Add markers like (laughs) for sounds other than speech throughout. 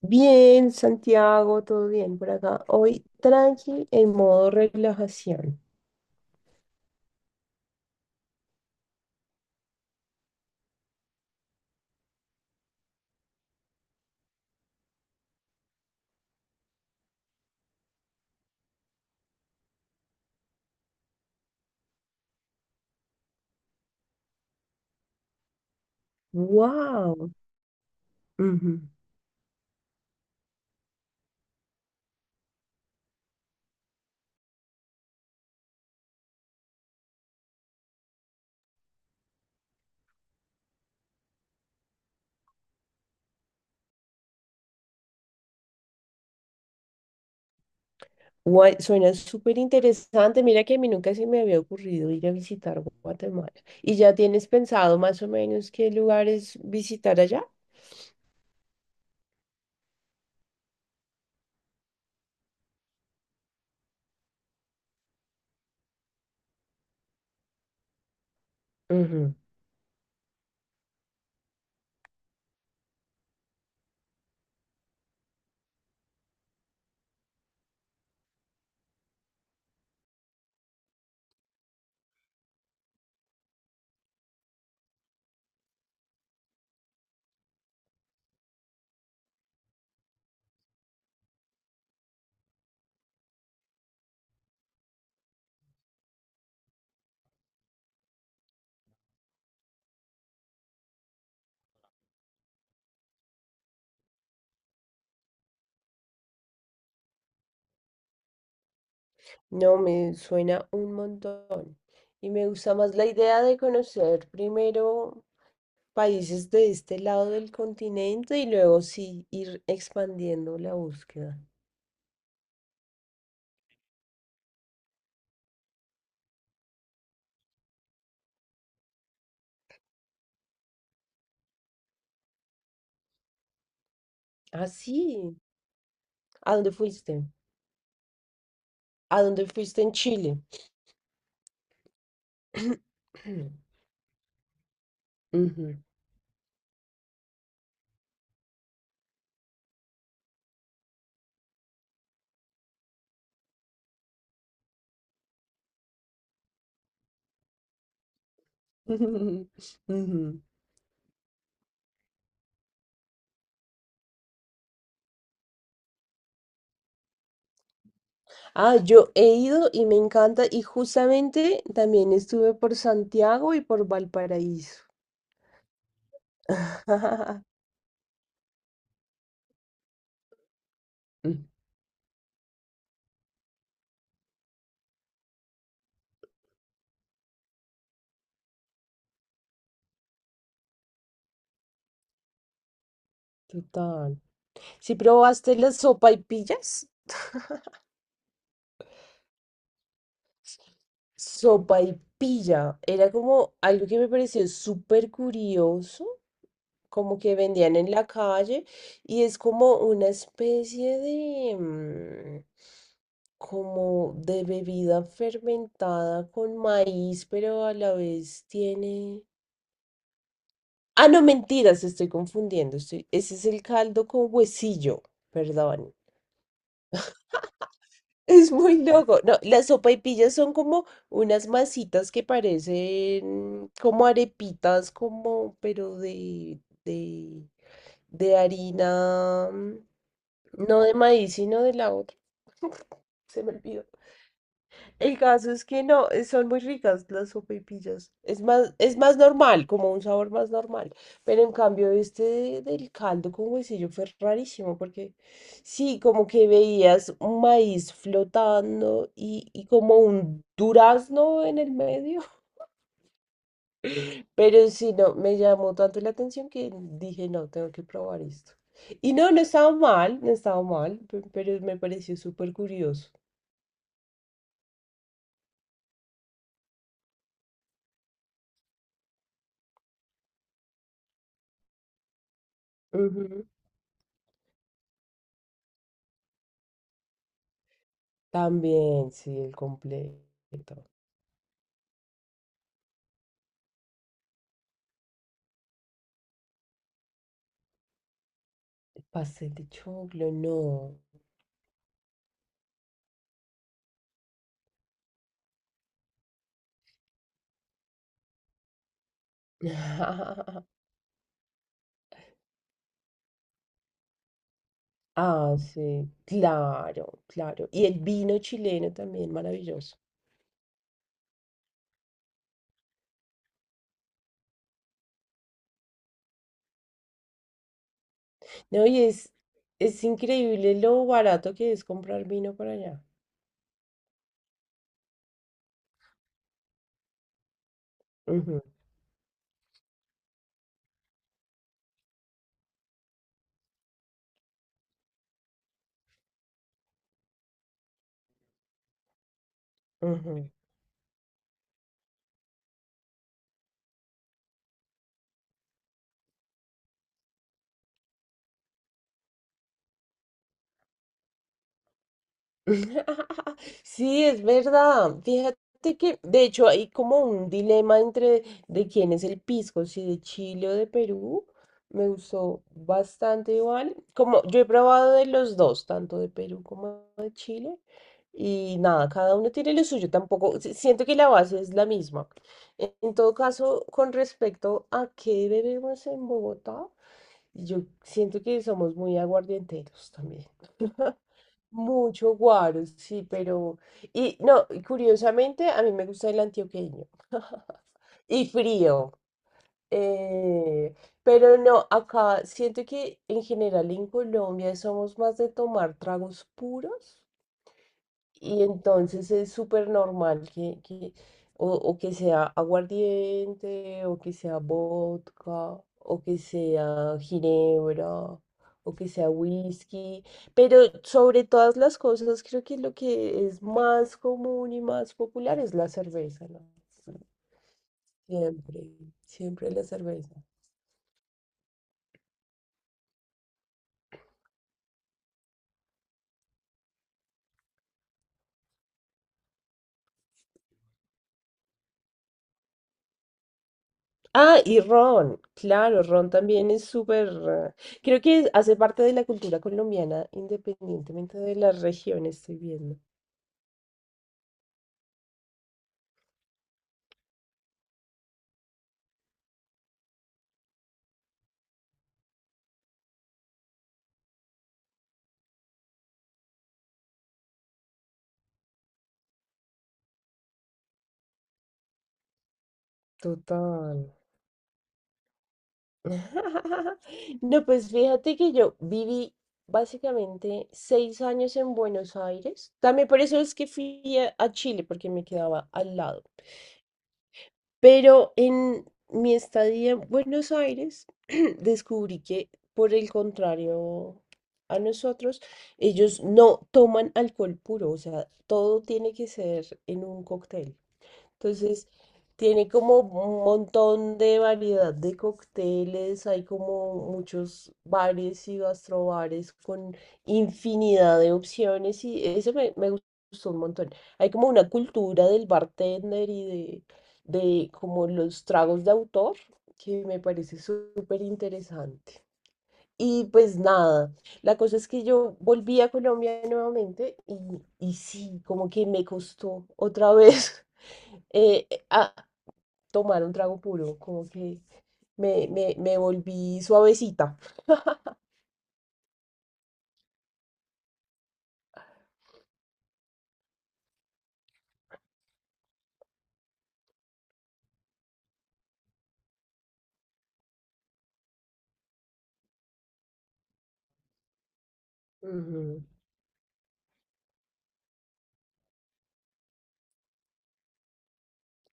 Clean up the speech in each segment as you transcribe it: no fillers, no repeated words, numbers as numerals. Bien, Santiago, todo bien por acá. Hoy tranqui en modo relajación. ¡Wow! Guay, suena súper interesante. Mira que a mí nunca se me había ocurrido ir a visitar Guatemala. ¿Y ya tienes pensado más o menos qué lugares visitar allá? Ujú. No, me suena un montón. Y me gusta más la idea de conocer primero países de este lado del continente y luego sí ir expandiendo la búsqueda. Ah, sí. ¿A dónde fuiste? ¿A dónde fuiste en Chile? (clears throat) Ujú. (laughs) Ujú. Ah, yo he ido y me encanta y justamente también estuve por Santiago y por Valparaíso. (laughs) Mm. Total. ¿Si probaste las sopaipillas? (laughs) Sopaipilla era como algo que me pareció súper curioso, como que vendían en la calle y es como una especie de, como de bebida fermentada con maíz, pero a la vez tiene... Ah, no, mentiras, estoy confundiendo. Estoy... Ese es el caldo con huesillo, perdón. Es muy loco. No, las sopaipillas son como unas masitas que parecen como arepitas, como, pero de, de harina, no de maíz, sino de la otra. (laughs) Se me olvidó. El caso es que no, son muy ricas las sopaipillas. Es más normal, como un sabor más normal. Pero en cambio, del caldo con huesillo fue rarísimo, porque sí, como que veías un maíz flotando y como un durazno en el medio. (laughs) Pero sí, no, me llamó tanto la atención que dije, no, tengo que probar esto. Y no, no estaba mal, no estaba mal, pero me pareció súper curioso. También, sí, el completo. Pastel de choclo, no. (laughs) Ah, sí, claro, claro. Y el vino chileno también, maravilloso. No, es increíble lo barato que es comprar vino por allá. Ujú, ujú. (laughs) Sí, es verdad. Fíjate que, de hecho, hay como un dilema entre de quién es el pisco, si de Chile o de Perú. Me gustó bastante igual. Como yo he probado de los dos, tanto de Perú como de Chile. Y nada, cada uno tiene lo suyo. Tampoco, siento que la base es la misma. En todo caso, con respecto a qué bebemos en Bogotá, yo siento que somos muy aguardienteros también. (laughs) Mucho guaro, sí, pero... Y no, y curiosamente a mí me gusta el antioqueño. (laughs) Y frío. eh, pero no, acá siento que en general en Colombia somos más de tomar tragos puros. Y entonces es súper normal que o que sea aguardiente, o que sea vodka, o que sea ginebra, o que sea whisky. Pero sobre todas las cosas, creo que lo que es más común y más popular es la cerveza, ¿no? Siempre, siempre la cerveza. Ah, y Ron, claro, Ron también es súper... Creo que hace parte de la cultura colombiana, independientemente de la región, estoy viendo. Total. (laughs) No, pues fíjate que yo viví básicamente 6 años en Buenos Aires. También por eso es que fui a Chile, porque me quedaba al lado. Pero en mi estadía en Buenos Aires (clears throat) descubrí que, por el contrario a nosotros, ellos no toman alcohol puro, o sea, todo tiene que ser en un cóctel. Entonces, tiene como un montón de variedad de cócteles, hay como muchos bares y gastrobares con infinidad de opciones y eso me gustó un montón. Hay como una cultura del bartender y de como los tragos de autor que me parece súper interesante. Y pues nada, la cosa es que yo volví a Colombia nuevamente y sí, como que me costó otra vez (laughs) a tomar un trago puro, como que me volví suavecita. Ujú,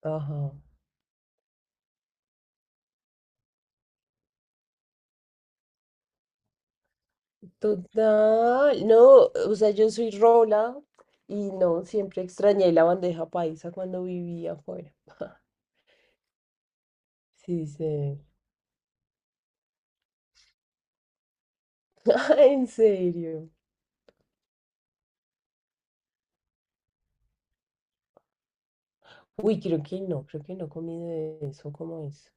Ajá. Total, no, o sea, yo soy rola y no, siempre extrañé la bandeja paisa cuando vivía afuera. (laughs) Sí, sí. (laughs) En serio. Uy, creo que no he comido de eso, ¿cómo es?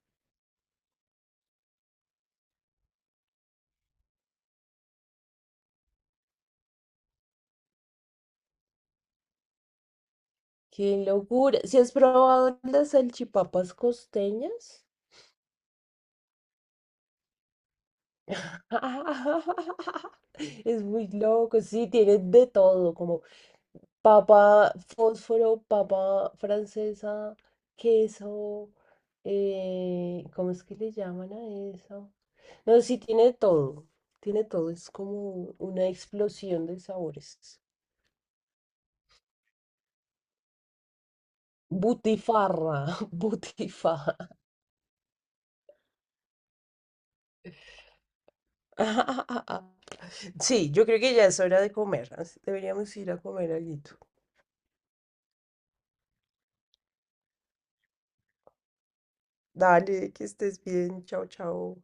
¡Qué locura! ¿Si has probado las salchipapas costeñas? (laughs) Es muy loco, sí, tiene de todo, como papa fósforo, papa francesa, queso, ¿cómo es que le llaman a eso? No, sí, tiene todo, es como una explosión de sabores. Butifarra, (laughs) butifarra. (laughs) Sí, yo creo que ya es hora de comer. Deberíamos ir a comer algo. Dale, que estés bien. Chao, chao.